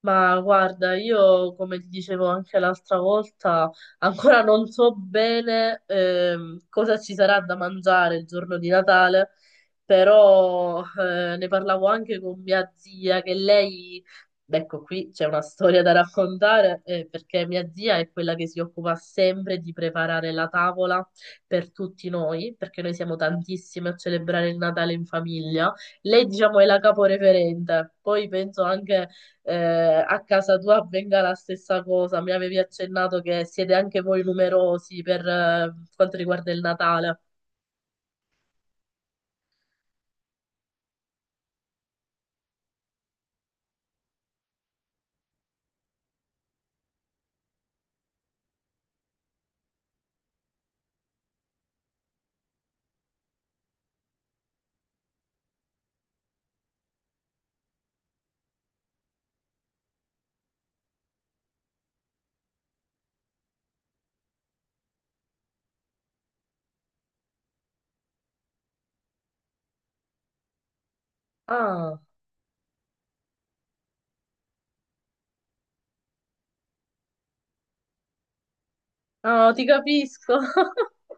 Ma guarda, io come ti dicevo anche l'altra volta, ancora non so bene, cosa ci sarà da mangiare il giorno di Natale, però ne parlavo anche con mia zia, che lei, ecco qui c'è una storia da raccontare, perché mia zia è quella che si occupa sempre di preparare la tavola per tutti noi, perché noi siamo tantissime a celebrare il Natale in famiglia. Lei, diciamo, è la caporeferente, poi penso anche a casa tua avvenga la stessa cosa. Mi avevi accennato che siete anche voi numerosi per quanto riguarda il Natale. Ah, ah, ti capisco.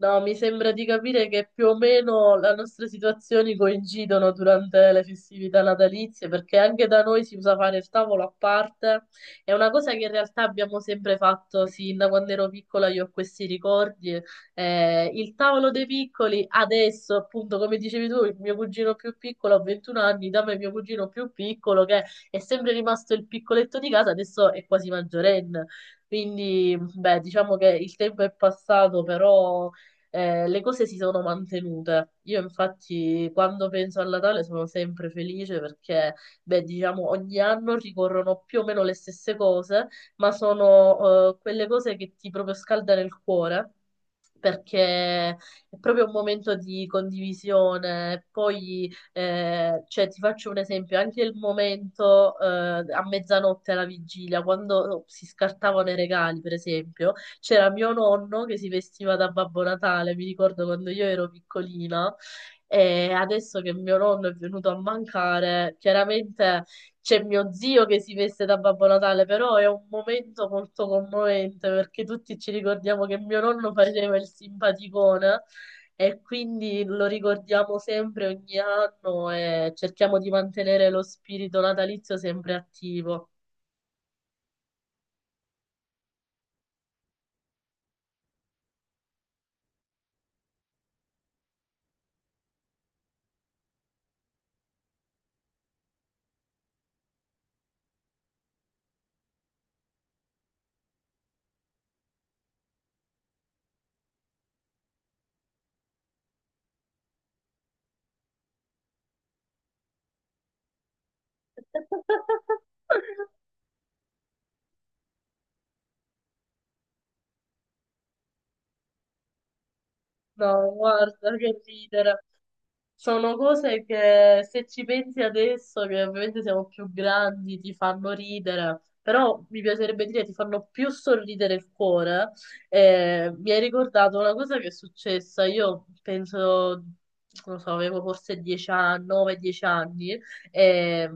No, mi sembra di capire che più o meno le nostre situazioni coincidono durante le festività natalizie, perché anche da noi si usa fare il tavolo a parte. È una cosa che in realtà abbiamo sempre fatto sin da quando ero piccola, io ho questi ricordi. Il tavolo dei piccoli, adesso, appunto, come dicevi tu, il mio cugino più piccolo ha 21 anni, da me mio cugino più piccolo, che è sempre rimasto il piccoletto di casa, adesso è quasi maggiorenne. Quindi, beh, diciamo che il tempo è passato, però le cose si sono mantenute. Io infatti quando penso al Natale sono sempre felice perché, beh, diciamo, ogni anno ricorrono più o meno le stesse cose, ma sono quelle cose che ti proprio scaldano il cuore. Perché è proprio un momento di condivisione. Poi, cioè, ti faccio un esempio: anche il momento, a mezzanotte alla vigilia, quando si scartavano i regali, per esempio, c'era mio nonno che si vestiva da Babbo Natale, mi ricordo quando io ero piccolina, e adesso che mio nonno è venuto a mancare, chiaramente c'è mio zio che si veste da Babbo Natale, però è un momento molto commovente perché tutti ci ricordiamo che mio nonno faceva il simpaticone e quindi lo ricordiamo sempre ogni anno e cerchiamo di mantenere lo spirito natalizio sempre attivo. No, guarda che ridere. Sono cose che se ci pensi adesso, che ovviamente siamo più grandi, ti fanno ridere, però mi piacerebbe dire ti fanno più sorridere il cuore. Mi hai ricordato una cosa che è successa, io penso, non lo so, avevo forse 10 anni, 9-10 anni, e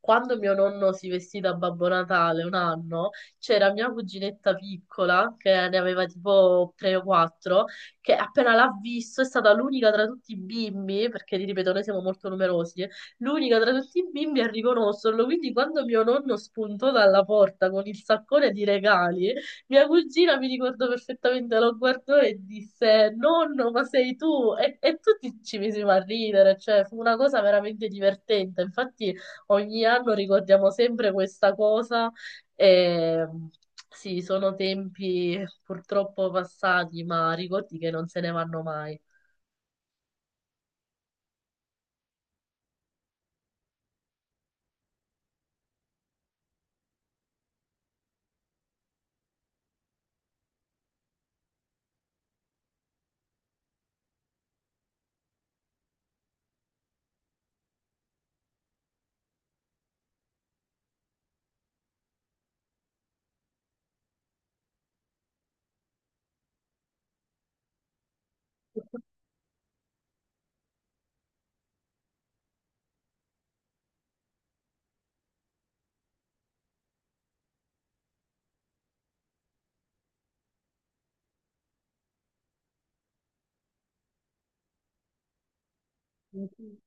quando mio nonno si vestì da Babbo Natale un anno, c'era mia cuginetta piccola, che ne aveva tipo 3 o 4, che appena l'ha visto è stata l'unica tra tutti i bimbi, perché ti ripeto, noi siamo molto numerosi, l'unica tra tutti i bimbi a riconoscerlo. Quindi quando mio nonno spuntò dalla porta con il saccone di regali, mia cugina, mi ricordo perfettamente, lo guardò e disse: Nonno, ma sei tu? E tutti ci misimo a ridere, cioè fu una cosa veramente divertente. Infatti, ogni anno ricordiamo sempre questa cosa. E sì, sono tempi purtroppo passati, ma ricordi che non se ne vanno mai. Mhm.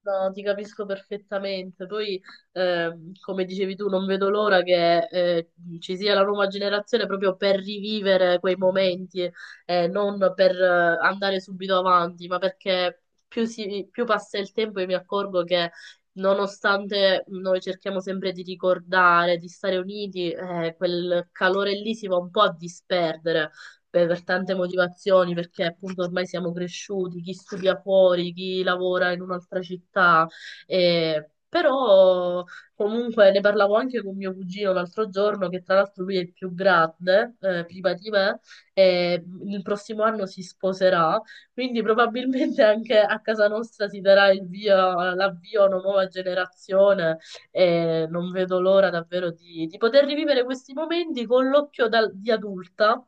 No, ti capisco perfettamente. Poi, come dicevi tu, non vedo l'ora che ci sia la nuova generazione proprio per rivivere quei momenti, non per andare subito avanti, ma perché più passa il tempo io mi accorgo che nonostante noi cerchiamo sempre di ricordare, di stare uniti, quel calore lì si va un po' a disperdere per tante motivazioni, perché appunto ormai siamo cresciuti, chi studia fuori, chi lavora in un'altra città, però comunque ne parlavo anche con mio cugino l'altro giorno, che tra l'altro lui è il più grande, prima di me, e il prossimo anno si sposerà, quindi probabilmente anche a casa nostra si darà il via, l'avvio a una nuova generazione e non vedo l'ora davvero di poter rivivere questi momenti con l'occhio di adulta.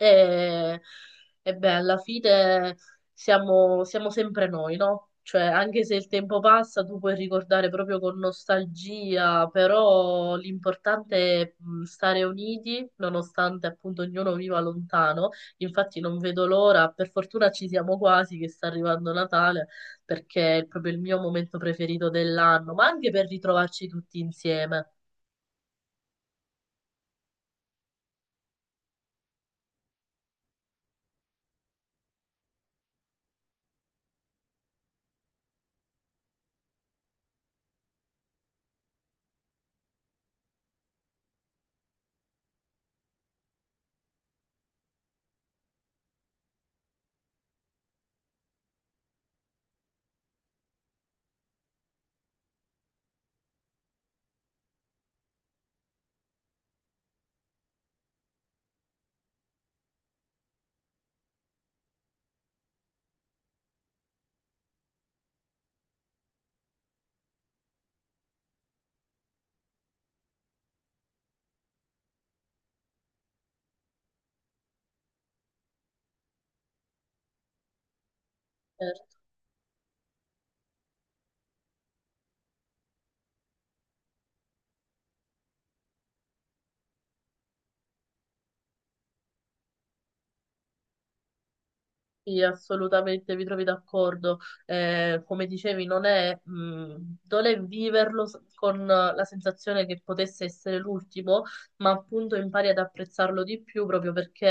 E, e beh, alla fine siamo sempre noi, no? Cioè, anche se il tempo passa, tu puoi ricordare proprio con nostalgia, però l'importante è, stare uniti, nonostante appunto ognuno viva lontano. Infatti non vedo l'ora, per fortuna ci siamo quasi che sta arrivando Natale perché è proprio il mio momento preferito dell'anno, ma anche per ritrovarci tutti insieme. Eh, sì, assolutamente, vi trovi d'accordo. Come dicevi, non è, non è con la sensazione che potesse essere l'ultimo, ma appunto impari ad apprezzarlo di più proprio perché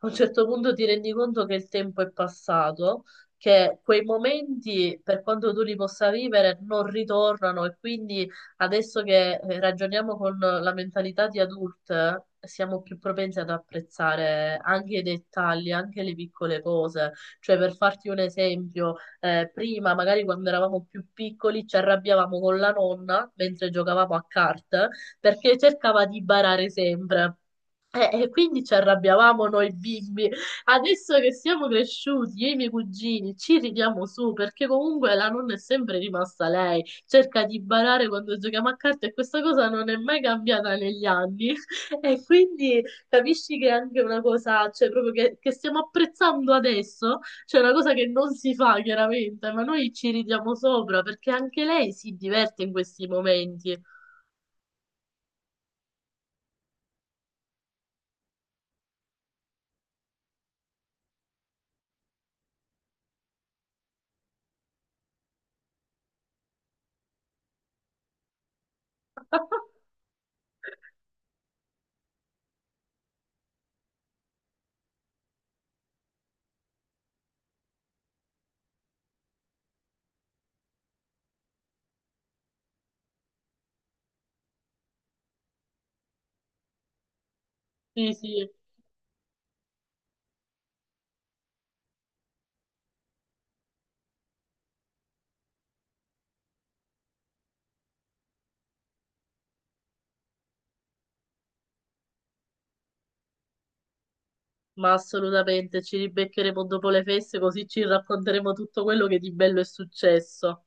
a un certo punto ti rendi conto che il tempo è passato. Che quei momenti, per quanto tu li possa vivere, non ritornano e quindi adesso che ragioniamo con la mentalità di adulte, siamo più propensi ad apprezzare anche i dettagli, anche le piccole cose. Cioè, per farti un esempio, prima, magari quando eravamo più piccoli, ci arrabbiavamo con la nonna mentre giocavamo a carte perché cercava di barare sempre. E quindi ci arrabbiavamo noi bimbi. Adesso che siamo cresciuti, io e i miei cugini ci ridiamo su perché comunque la nonna è sempre rimasta lei. Cerca di barare quando giochiamo a carte e questa cosa non è mai cambiata negli anni. E quindi capisci che è anche una cosa, cioè proprio che stiamo apprezzando adesso, cioè una cosa che non si fa chiaramente, ma noi ci ridiamo sopra perché anche lei si diverte in questi momenti. Sì, sì. Ma assolutamente, ci ribeccheremo dopo le feste così ci racconteremo tutto quello che di bello è successo.